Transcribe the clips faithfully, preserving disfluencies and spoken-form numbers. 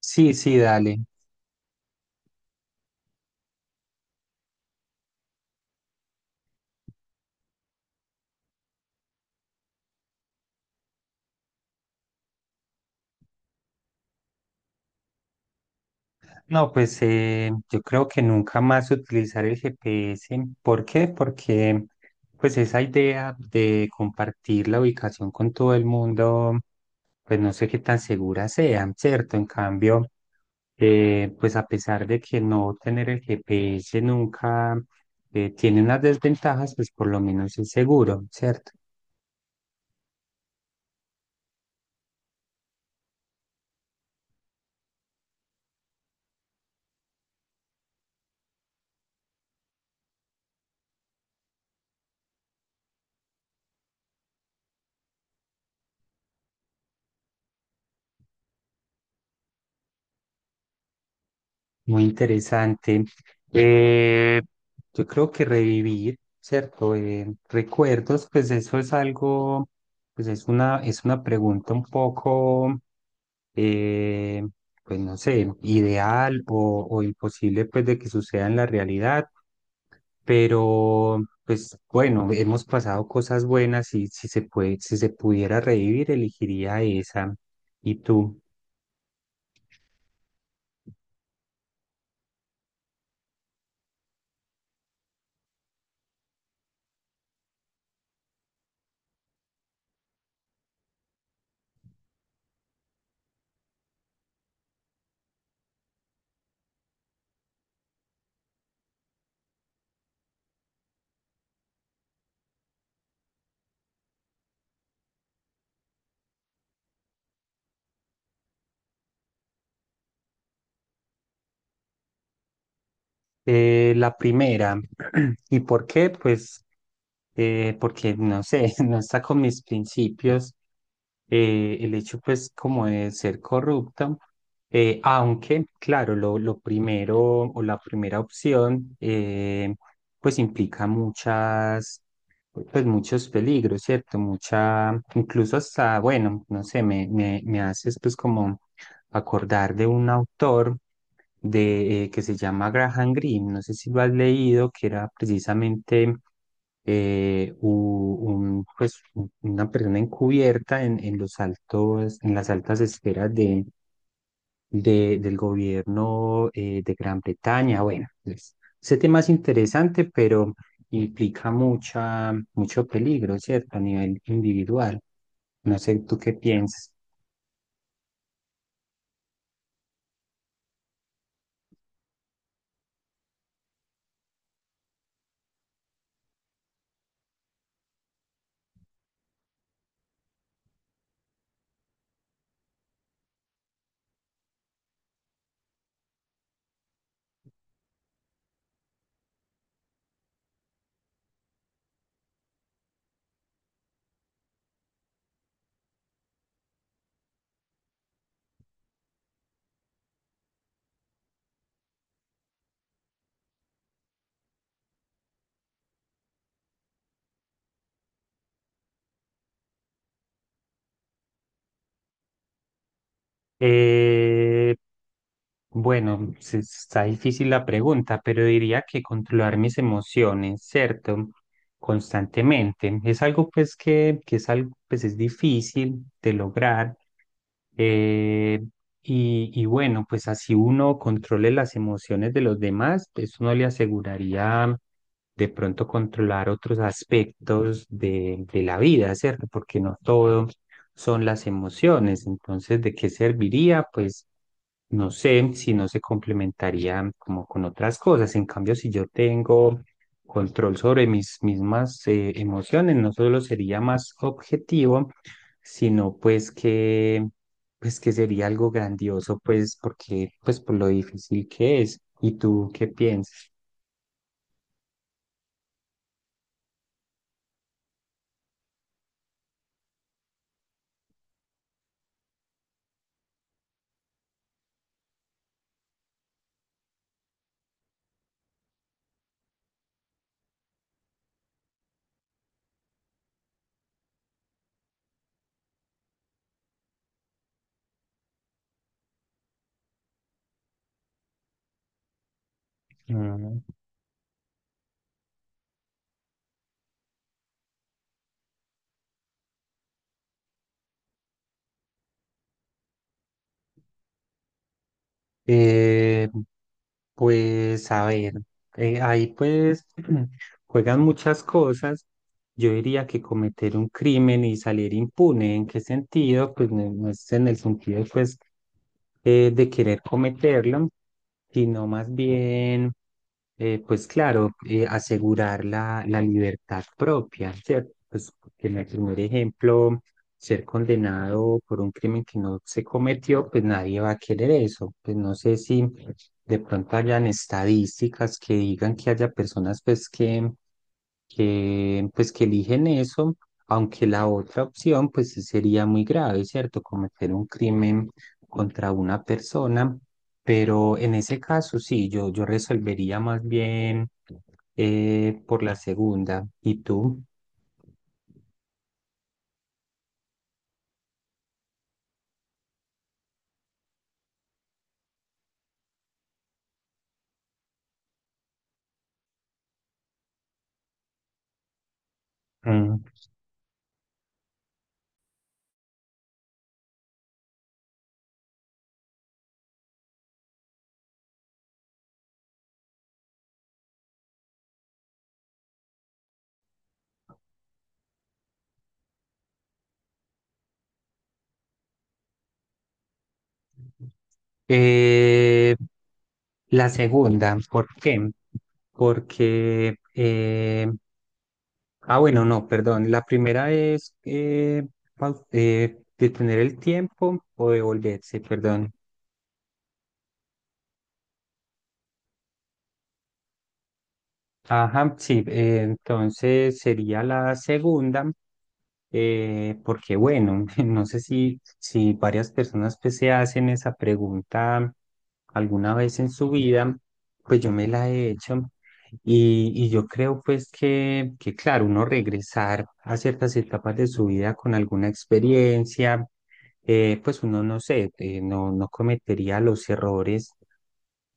Sí, sí, dale. No, pues eh, yo creo que nunca más utilizar el G P S. ¿Por qué? Porque pues esa idea de compartir la ubicación con todo el mundo, pues no sé qué tan segura sea, ¿cierto? En cambio, eh, pues a pesar de que no tener el G P S nunca eh, tiene unas desventajas, pues por lo menos es seguro, ¿cierto? Muy interesante. Eh, yo creo que revivir, ¿cierto? Eh, recuerdos, pues eso es algo, pues es una, es una pregunta un poco, eh, pues no sé, ideal o, o imposible pues de que suceda en la realidad, pero pues bueno, hemos pasado cosas buenas y si se puede, si se pudiera revivir, elegiría esa. ¿Y tú? Eh, la primera. ¿Y por qué? Pues eh, porque, no sé, no está con mis principios eh, el hecho pues como de ser corrupto, eh, aunque claro, lo, lo primero o la primera opción eh, pues implica muchas, pues muchos peligros, ¿cierto? Mucha, incluso hasta, bueno, no sé, me, me, me haces pues como acordar de un autor de, eh, que se llama Graham Greene, no sé si lo has leído, que era precisamente eh, u- un, pues, un- una persona encubierta en, en los altos, en las altas esferas de, de- del gobierno eh, de Gran Bretaña. Bueno, pues, ese tema es interesante, pero implica mucha, mucho peligro, ¿cierto? A nivel individual. No sé, ¿tú qué piensas? Eh, Bueno, se- está difícil la pregunta, pero diría que controlar mis emociones, ¿cierto? Constantemente. Es algo pues que, que es algo pues es difícil de lograr. eh, y, y bueno, pues así uno controle las emociones de los demás, pues uno le aseguraría de pronto controlar otros aspectos de, de la vida, ¿cierto? Porque no todo son las emociones. Entonces, ¿de qué serviría? Pues no sé si no se complementarían como con otras cosas. En cambio, si yo tengo control sobre mis mismas eh, emociones, no solo sería más objetivo, sino pues que pues que sería algo grandioso, pues porque pues por lo difícil que es. ¿Y tú qué piensas? Eh, Pues a ver, eh, ahí pues juegan muchas cosas. Yo diría que cometer un crimen y salir impune, ¿en qué sentido? Pues no, no es en el sentido pues eh, de querer cometerlo, sino más bien, eh, pues claro, eh, asegurar la, la libertad propia, ¿cierto? Pues en el primer ejemplo ser condenado por un crimen que no se cometió, pues nadie va a querer eso. Pues no sé si de pronto hayan estadísticas que digan que haya personas pues que, que pues que eligen eso, aunque la otra opción pues sí sería muy grave, ¿cierto? Cometer un crimen contra una persona, pero en ese caso sí, yo, yo resolvería más bien eh, por la segunda. ¿Y tú? Mm. Eh, la segunda, ¿por qué? Porque, eh, ah, bueno, no, perdón. La primera es eh, pau- eh, detener el tiempo o devolverse, perdón. Ajá, sí, eh, entonces sería la segunda. Eh, porque bueno, no sé si, si varias personas pues, se hacen esa pregunta alguna vez en su vida, pues yo me la he hecho y, y yo creo pues que, que claro, uno regresar a ciertas etapas de su vida con alguna experiencia, eh, pues uno no sé, eh, no, no cometería los errores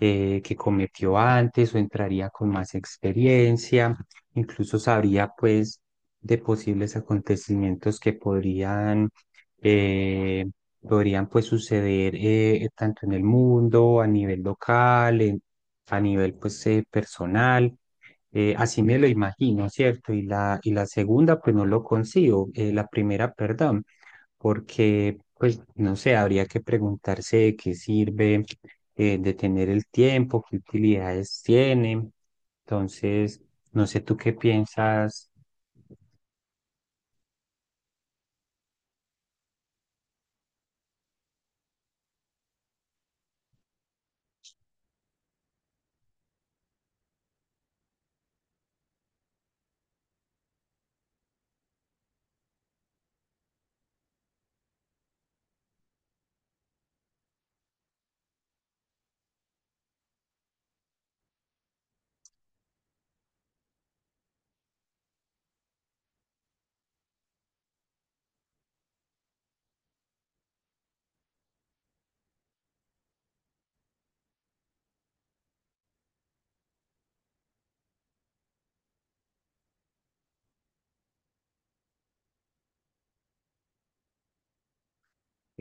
eh, que cometió antes o entraría con más experiencia, incluso sabría pues de posibles acontecimientos que podrían, eh, podrían pues suceder eh, tanto en el mundo, a nivel local, en- a nivel pues eh, personal. Eh, así me lo imagino, ¿cierto? Y la, y la segunda, pues no lo consigo, eh, la primera, perdón, porque, pues, no sé, habría que preguntarse de qué sirve eh, de tener el tiempo, qué utilidades tiene. Entonces, no sé tú qué piensas.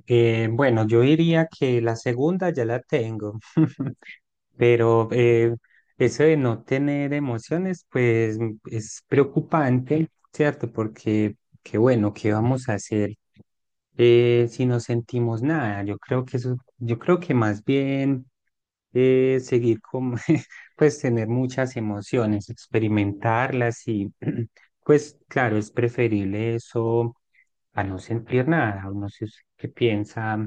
Eh, bueno, yo diría que la segunda ya la tengo, pero eh, eso de no tener emociones, pues m- es preocupante, ¿cierto? Porque, que bueno, ¿qué vamos a hacer eh, si no sentimos nada? Yo creo que eso, yo creo que más bien eh, seguir con, pues tener muchas emociones, experimentarlas y pues claro, es preferible eso a no sentir nada, o no sé usted qué piensa.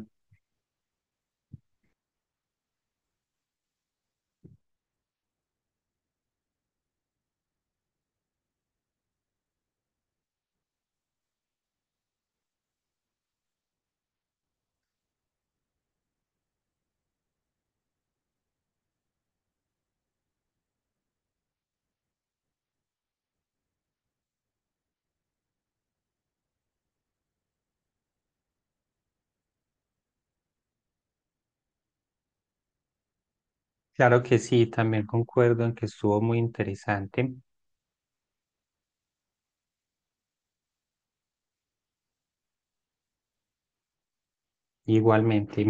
Claro que sí, también concuerdo en que estuvo muy interesante, igualmente.